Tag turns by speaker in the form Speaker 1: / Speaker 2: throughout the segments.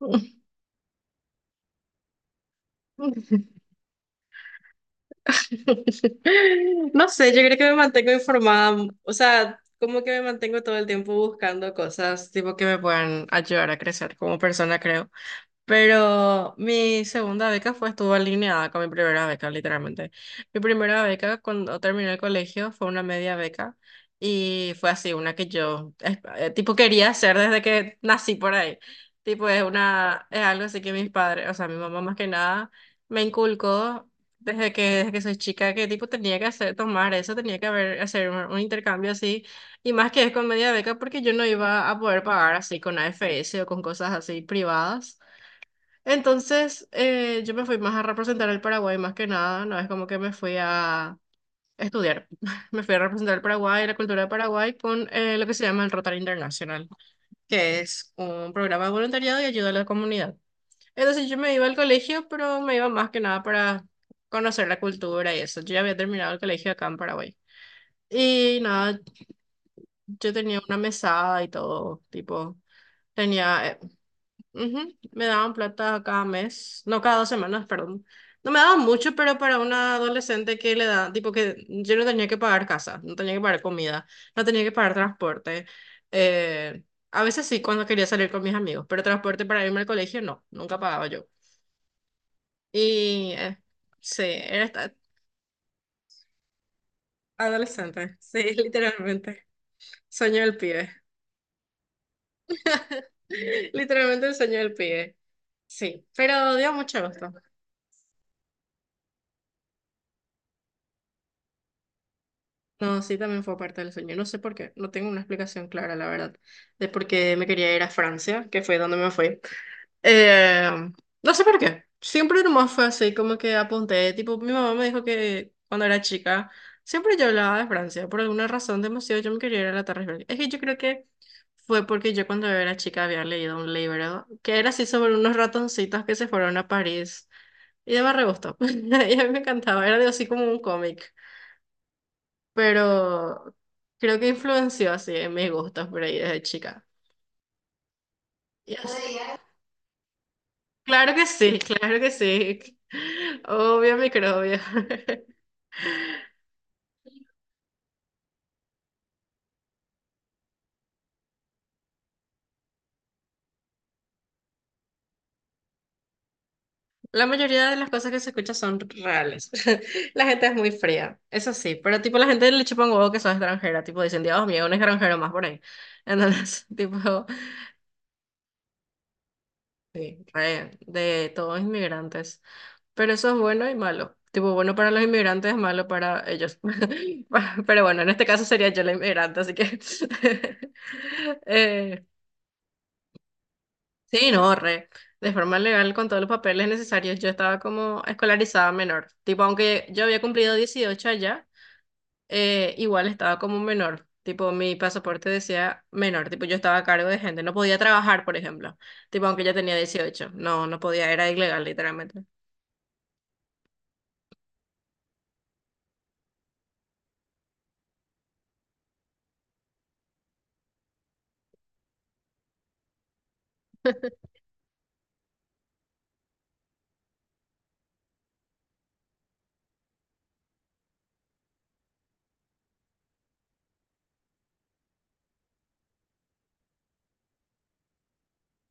Speaker 1: No sé, yo creo que me mantengo informada, o sea, como que me mantengo todo el tiempo buscando cosas tipo que me puedan ayudar a crecer como persona, creo. Pero mi segunda beca fue, estuvo alineada con mi primera beca, literalmente. Mi primera beca cuando terminé el colegio fue una media beca y fue así, una que yo, tipo, quería hacer desde que nací por ahí. Tipo, es una, es algo así que mis padres, o sea, mi mamá más que nada me inculcó desde que soy chica que, tipo, tenía que hacer, tomar eso, tenía que haber, hacer un intercambio así. Y más que es con media beca porque yo no iba a poder pagar así con AFS o con cosas así privadas. Entonces, yo me fui más a representar el Paraguay, más que nada, no es como que me fui a estudiar. Me fui a representar el Paraguay, la cultura de Paraguay, con lo que se llama el Rotary International, que es un programa de voluntariado y ayuda a la comunidad. Entonces, yo me iba al colegio, pero me iba más que nada para conocer la cultura y eso. Yo ya había terminado el colegio acá en Paraguay. Y nada, yo tenía una mesada y todo, tipo. Tenía, ujú. Me daban plata cada mes, no cada dos semanas, perdón. No me daban mucho, pero para una adolescente que le da, tipo que yo no tenía que pagar casa, no tenía que pagar comida, no tenía que pagar transporte. Eh, a veces sí, cuando quería salir con mis amigos, pero transporte para irme al colegio no, nunca pagaba yo. Y sí, era esta- adolescente, sí, literalmente. Sueño del pibe. Literalmente el sueño del pibe. Sí, pero dio mucho gusto. No, sí, también fue parte del sueño. No sé por qué, no tengo una explicación clara, la verdad, de por qué me quería ir a Francia, que fue donde me fui. Eh, no sé por qué. Siempre nomás fue así, como que apunté. Tipo, mi mamá me dijo que cuando era chica, siempre yo hablaba de Francia. Por alguna razón demasiado yo me quería ir a la Torre Eiffel. Es que yo creo que fue porque yo cuando era chica había leído un libro que era así sobre unos ratoncitos que se fueron a París. Y de me re gustó. Y a mí me encantaba, era de- así como un cómic pero creo que influenció así en mis gustos por ahí desde chica. Y así- claro que sí, claro que sí. Obvio, microbio. La mayoría de las cosas que se escuchan son reales. La gente es muy fría, eso sí, pero tipo la gente le chupa un huevo que son extranjera, tipo dicen, Dios mío, un extranjero más por ahí. Entonces, tipo, sí, re, de todos inmigrantes. Pero eso es bueno y malo. Tipo, bueno para los inmigrantes, malo para ellos. Pero bueno, en este caso sería yo la inmigrante, así que... eh, sí, no, re. De forma legal, con todos los papeles necesarios, yo estaba como escolarizada menor. Tipo, aunque yo había cumplido 18 allá, igual estaba como menor. Tipo, mi pasaporte decía menor. Tipo, yo estaba a cargo de gente. No podía trabajar, por ejemplo. Tipo, aunque ya tenía 18, no, no podía, era ilegal, literalmente.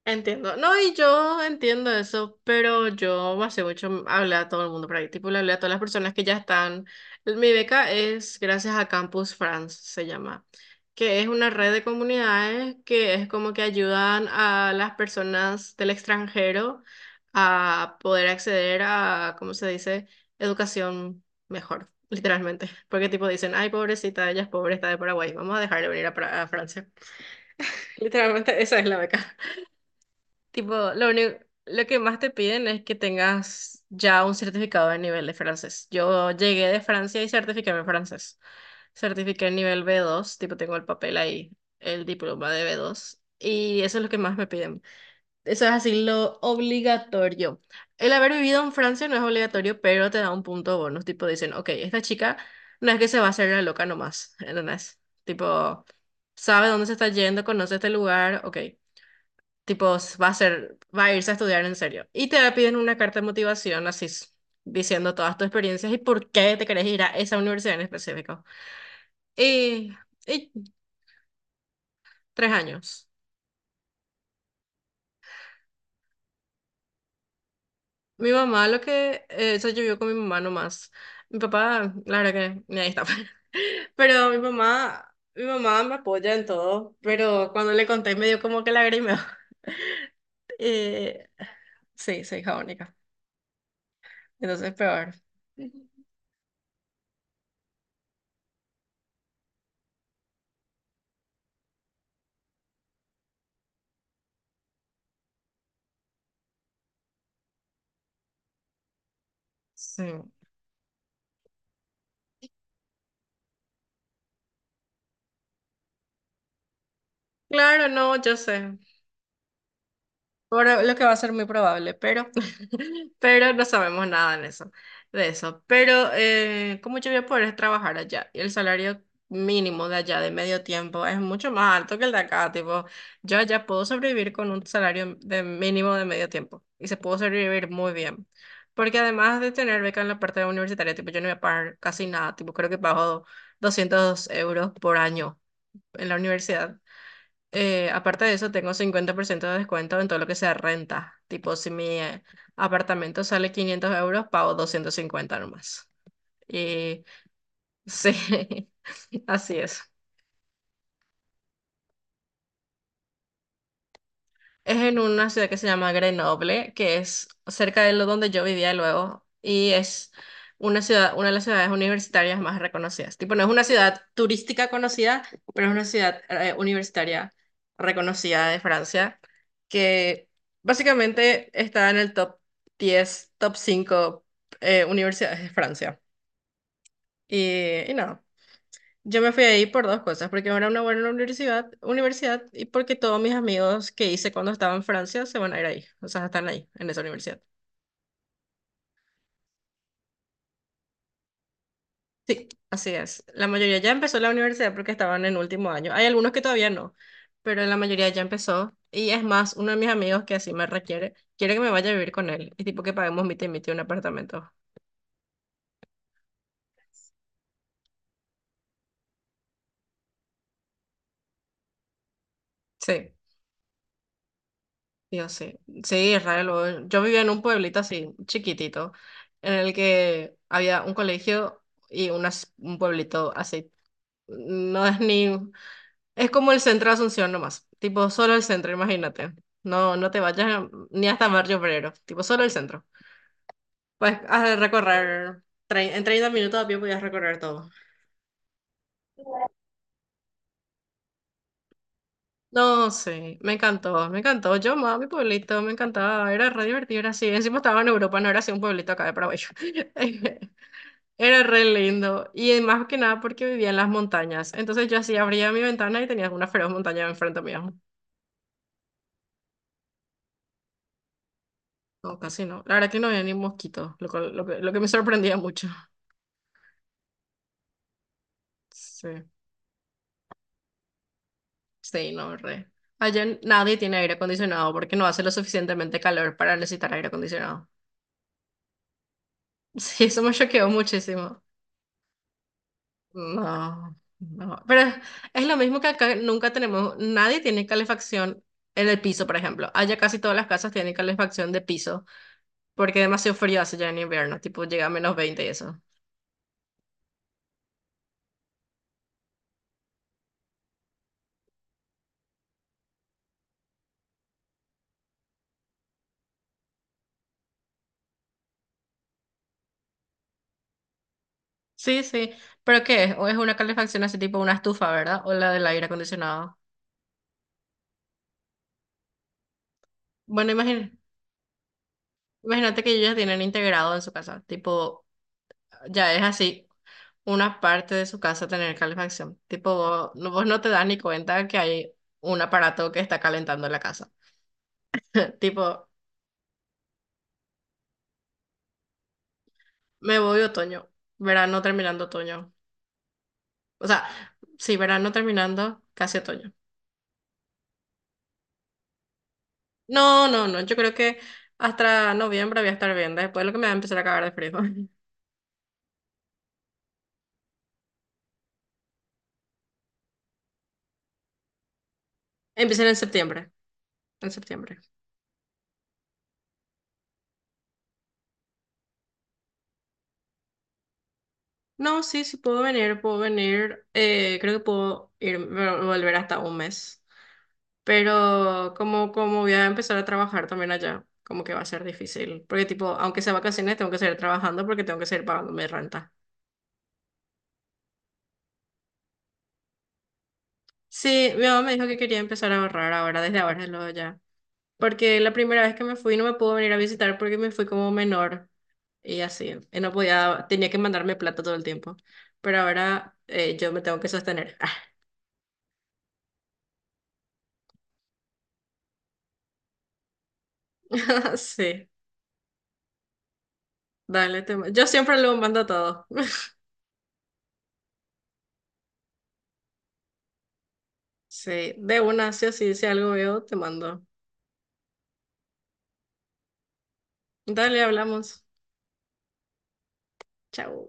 Speaker 1: Entiendo. No, y yo entiendo eso, pero yo hace mucho hablé a todo el mundo por ahí. Tipo, le hablé a todas las personas que ya están. Mi beca es gracias a Campus France, se llama, que es una red de comunidades que es como que ayudan a las personas del extranjero a poder acceder a, ¿cómo se dice? Educación mejor, literalmente. Porque tipo dicen, ay, pobrecita, ella es pobre, está de Paraguay, vamos a dejar de venir a, Pra- a Francia. Literalmente, esa es la beca. Tipo, lo único, lo que más te piden es que tengas ya un certificado de nivel de francés. Yo llegué de Francia y certifiqué mi francés. Certifiqué el nivel B2, tipo tengo el papel ahí, el diploma de B2. Y eso es lo que más me piden. Eso es así lo obligatorio. El haber vivido en Francia no es obligatorio, pero te da un punto bonus. Tipo dicen, ok, esta chica no es que se va a hacer la loca nomás, ¿entendés? Tipo, sabe dónde se está yendo, conoce este lugar, ok. Tipo, s- va a ser, va a irse a estudiar en serio. Y te piden una carta de motivación, así, s- diciendo todas tus experiencias y por qué te querés ir a esa universidad en específico. Y, y 3 años. Mi mamá, lo que, eso yo vivo con mi mamá nomás. Mi papá, la verdad que, ni ahí está. Pero mi mamá me apoya en todo, pero cuando le conté me dio como que lagrimeo. Eh, sí, soy hija única, entonces peor. Sí. Claro, no, yo sé. Por lo que va a ser muy probable, pero, pero no sabemos nada en eso, de eso. Pero, ¿cómo yo voy a poder trabajar allá? Y el salario mínimo de allá de medio tiempo es mucho más alto que el de acá. Tipo, yo allá puedo sobrevivir con un salario de mínimo de medio tiempo y se puedo sobrevivir muy bien. Porque además de tener beca en la parte universitaria, tipo, yo no voy a pagar casi nada. Tipo, creo que pago €200 por año en la universidad. Aparte de eso, tengo 50% de descuento en todo lo que sea renta. Tipo, si mi apartamento sale €500, pago 250 nomás. Y sí, así es. Es en una ciudad que se llama Grenoble, que es cerca de lo donde yo vivía luego, y es una ciudad, una de las ciudades universitarias más reconocidas. Tipo, no es una ciudad turística conocida, pero es una ciudad universitaria reconocida de Francia, que básicamente está en el top 10, top 5 universidades de Francia. Y no. Yo me fui ahí por dos cosas, porque era una buena universidad, universidad y porque todos mis amigos que hice cuando estaba en Francia se van a ir ahí, o sea, están ahí, en esa universidad. Sí, así es. La mayoría ya empezó la universidad porque estaban en último año. Hay algunos que todavía no, pero la mayoría ya empezó. Y es más, uno de mis amigos que así me requiere, quiere que me vaya a vivir con él, y tipo que paguemos mitad y mitad un apartamento. Sí. Yo sé. Sí, Israel re. Yo vivía en un pueblito así, chiquitito, en el que había un colegio y unas- un pueblito así. No es ni... Es como el centro de Asunción nomás. Tipo, solo el centro, imagínate. No, no te vayas ni hasta Barrio Obrero. Tipo, solo el centro. Pues has de recorrer... en 30 minutos a pie podías recorrer todo. No, sí, me encantó, me encantó. Yo amaba mi pueblito, me encantaba, era re divertido, era así. Encima estaba en Europa, no era así un pueblito acá de Paraguay. Era re lindo y más que nada porque vivía en las montañas. Entonces yo así abría mi ventana y tenía una feroz montaña enfrente mío. No, casi no. La verdad que no había ni mosquitos, lo, cual- lo que me sorprendía mucho. Sí, sí, no, re. Allá n- nadie tiene aire acondicionado porque no hace lo suficientemente calor para necesitar aire acondicionado. Sí, eso me choqueó muchísimo. No, no. Pero es lo mismo que acá nunca tenemos, nadie tiene calefacción en el piso, por ejemplo. Allá casi todas las casas tienen calefacción de piso. Porque demasiado frío hace ya en invierno, tipo llega a -20 y eso. Sí, sí. ¿Pero qué es? ¿O es una calefacción así tipo una estufa, ¿verdad? O la del aire acondicionado. Bueno, imagina- imagínate que ellos ya tienen integrado en su casa, tipo, ya es así, una parte de su casa tener calefacción. Tipo, vos no te das ni cuenta que hay un aparato que está calentando la casa. Tipo, me voy otoño, verano terminando otoño. O sea, sí, verano terminando, casi otoño. No, no, no. Yo creo que hasta noviembre voy a estar bien. Después lo que me va a empezar a cagar de frío. Empiezan en septiembre. En septiembre. No, sí, sí puedo venir, puedo venir. Creo que puedo ir, volver hasta un mes. Pero como, como voy a empezar a trabajar también allá, como que va a ser difícil. Porque tipo, aunque sea vacaciones, tengo que seguir trabajando porque tengo que seguir pagando mi renta. Sí, mi mamá me dijo que quería empezar a ahorrar ahora, desde luego ya. Porque la primera vez que me fui no me pudo venir a visitar porque me fui como menor y así. Y no podía, tenía que mandarme plata todo el tiempo. Pero ahora yo me tengo que sostener. Sí, dale, yo siempre lo mando todo. Sí, de una, sí o sí, si algo veo, te mando. Dale, hablamos. Chao.